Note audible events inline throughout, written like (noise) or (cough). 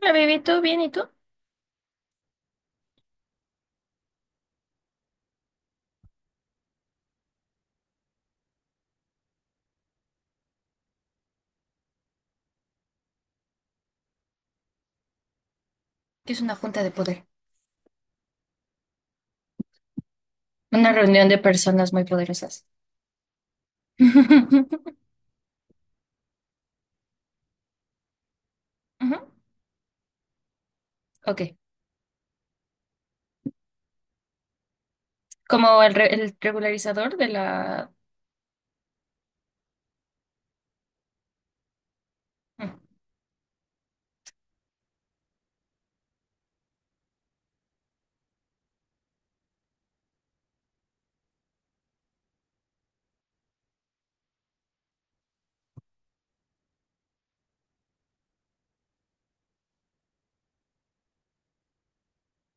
Hola, baby, ¿todo bien? ¿Y tú? ¿Qué es una junta de poder, una reunión de personas muy poderosas? (laughs) Ujú. Ok, como el, el regularizador de la... Mm.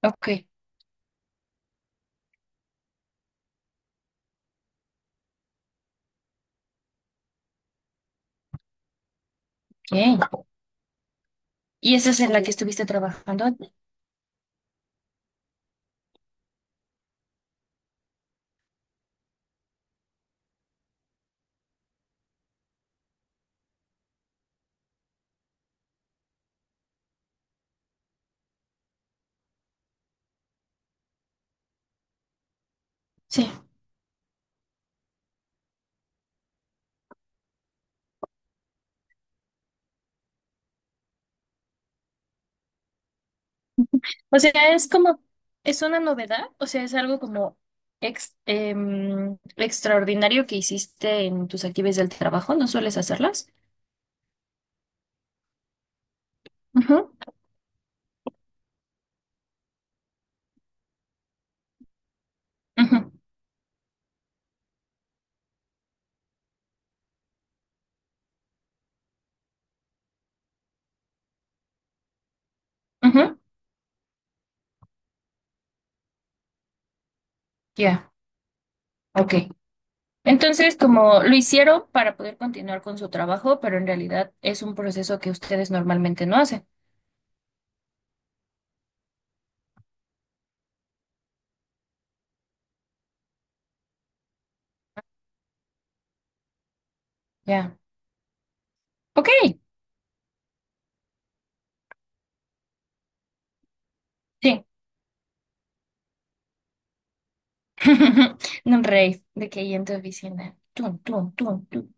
Ok, bien. ¿Y esa es en la que estuviste trabajando? Sí. O sea, es como, es una novedad, o sea, es algo como extraordinario que hiciste en tus actividades del trabajo, ¿no sueles hacerlas? Ujú, ujú, ujú. Ya. Ok. Entonces, como lo hicieron para poder continuar con su trabajo, pero en realidad es un proceso que ustedes normalmente no hacen. Ya. Ok. Sí. (laughs) Un rave de que ahí en tu oficina. Tun, tun, tun, tun.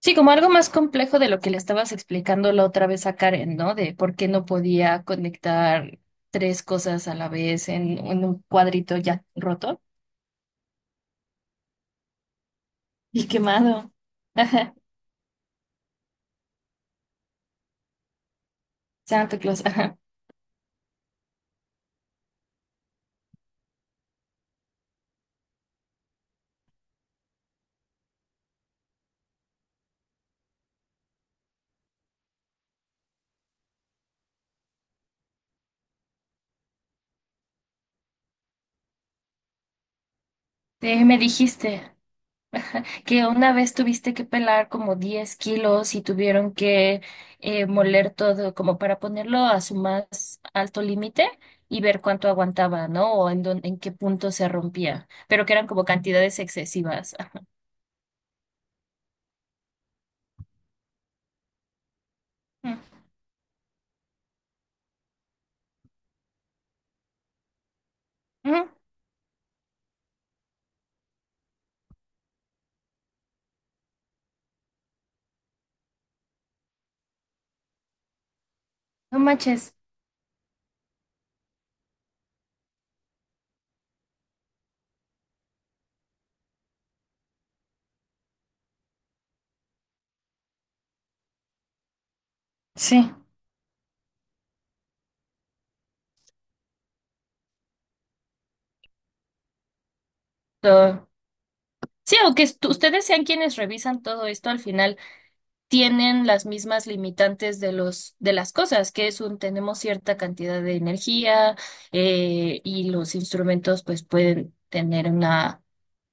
Sí, como algo más complejo de lo que le estabas explicando la otra vez a Karen, ¿no? De por qué no podía conectar tres cosas a la vez en un cuadrito ya roto y quemado. Ajá. Santa Claus, ajá. Sí, me dijiste que una vez tuviste que pelar como 10 kilos y tuvieron que moler todo como para ponerlo a su más alto límite y ver cuánto aguantaba, ¿no? O en en qué punto se rompía, pero que eran como cantidades excesivas. Ajá. Ujú. No manches. Sí. So, sí, aunque ustedes sean quienes revisan todo esto, al final tienen las mismas limitantes de los, de las cosas, que es un, tenemos cierta cantidad de energía, y los instrumentos pues pueden tener una,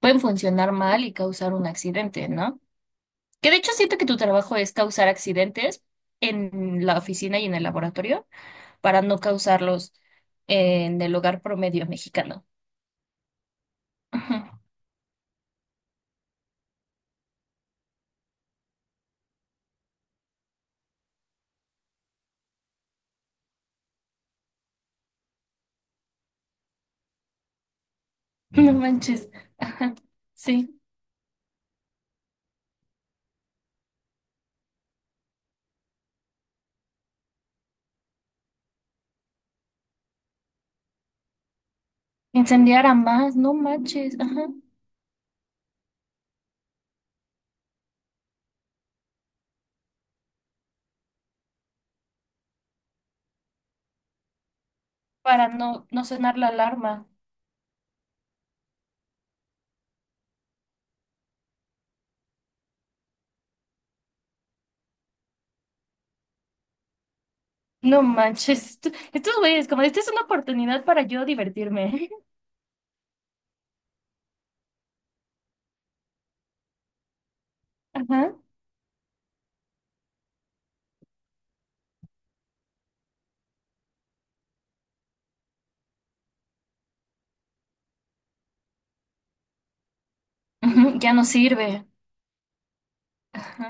pueden funcionar mal y causar un accidente, ¿no? Que de hecho siento que tu trabajo es causar accidentes en la oficina y en el laboratorio para no causarlos en el hogar promedio mexicano. Ajá. (laughs) No. Mm. Manches. Ajá. Sí. Incendiar a más, no manches. Ajá. Para no, no sonar la alarma. No manches, estos güeyes, como esta es una oportunidad para yo divertirme. (laughs) Ajá. Ujú, ya no sirve. Ajá.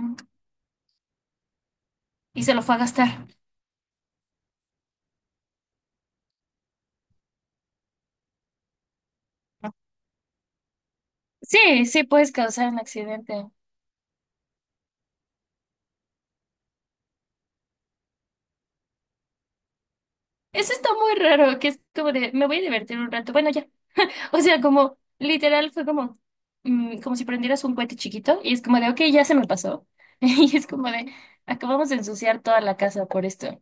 Y se lo fue a gastar. Sí, sí puedes causar un accidente. Eso está muy raro, que es como de, me voy a divertir un rato. Bueno, ya. O sea, como, literal, fue como, mm, como si prendieras un cohete chiquito y es como de, ok, ya se me pasó. (laughs) Y es como de, acabamos de ensuciar toda la casa por esto.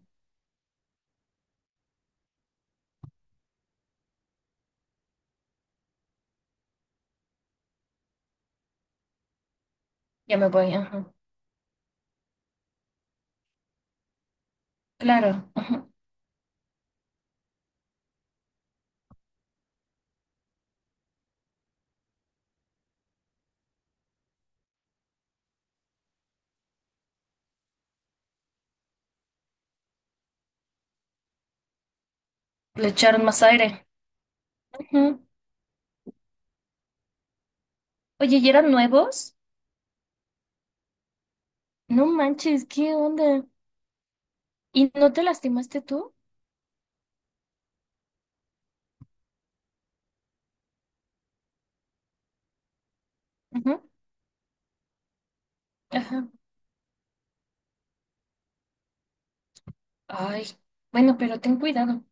Ya me voy, ajá. Claro, ajá. Le echaron más aire. Ujú. Oye, ¿y eran nuevos? No manches, ¿qué onda? ¿Y no te lastimaste tú? Ujú. Ajá. Ay, bueno, pero ten cuidado.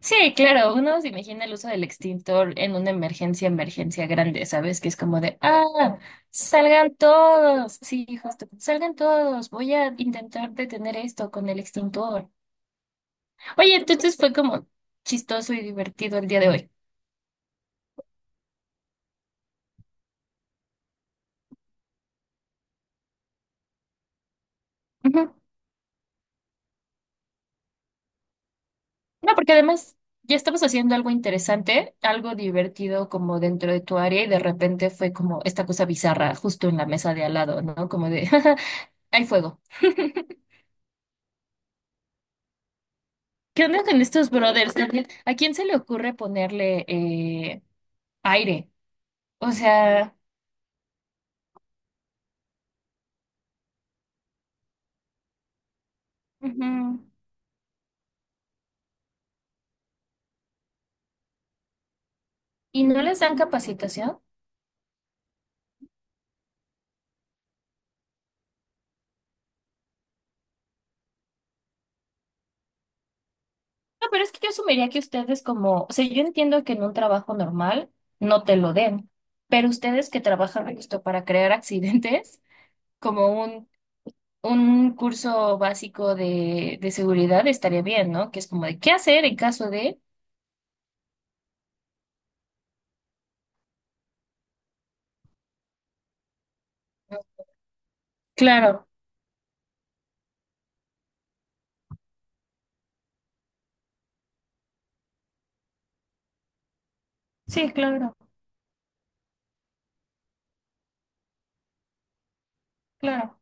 Sí, claro, uno se imagina el uso del extintor en una emergencia, emergencia grande, ¿sabes? Que es como de, ah, salgan todos. Sí, justo, salgan todos. Voy a intentar detener esto con el extintor. Oye, entonces fue como chistoso y divertido el día de hoy. No, porque además ya estabas haciendo algo interesante, algo divertido como dentro de tu área y de repente fue como esta cosa bizarra justo en la mesa de al lado, ¿no? Como de, (laughs) hay fuego. ¿Qué onda con estos brothers también? ¿A quién se le ocurre ponerle aire? O sea, ujú. ¿Y no les dan capacitación? No, pero es que yo asumiría que ustedes como, o sea, yo entiendo que en un trabajo normal no te lo den, pero ustedes que trabajan justo para crear accidentes como un curso básico de seguridad estaría bien, ¿no? Que es como de qué hacer en caso de... Claro, sí, claro, claro.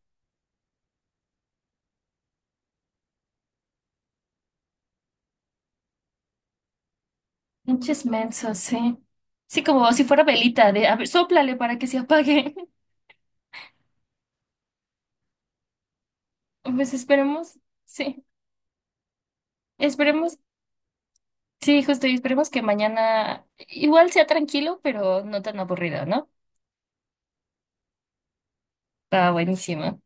Pinches mensos, sí. Sí, como si fuera velita de, a ver, sóplale para que se apague. (laughs) Pues sí, esperemos, sí, justo, y esperemos que mañana igual sea tranquilo, pero no tan aburrido, ¿no? Está buenísimo.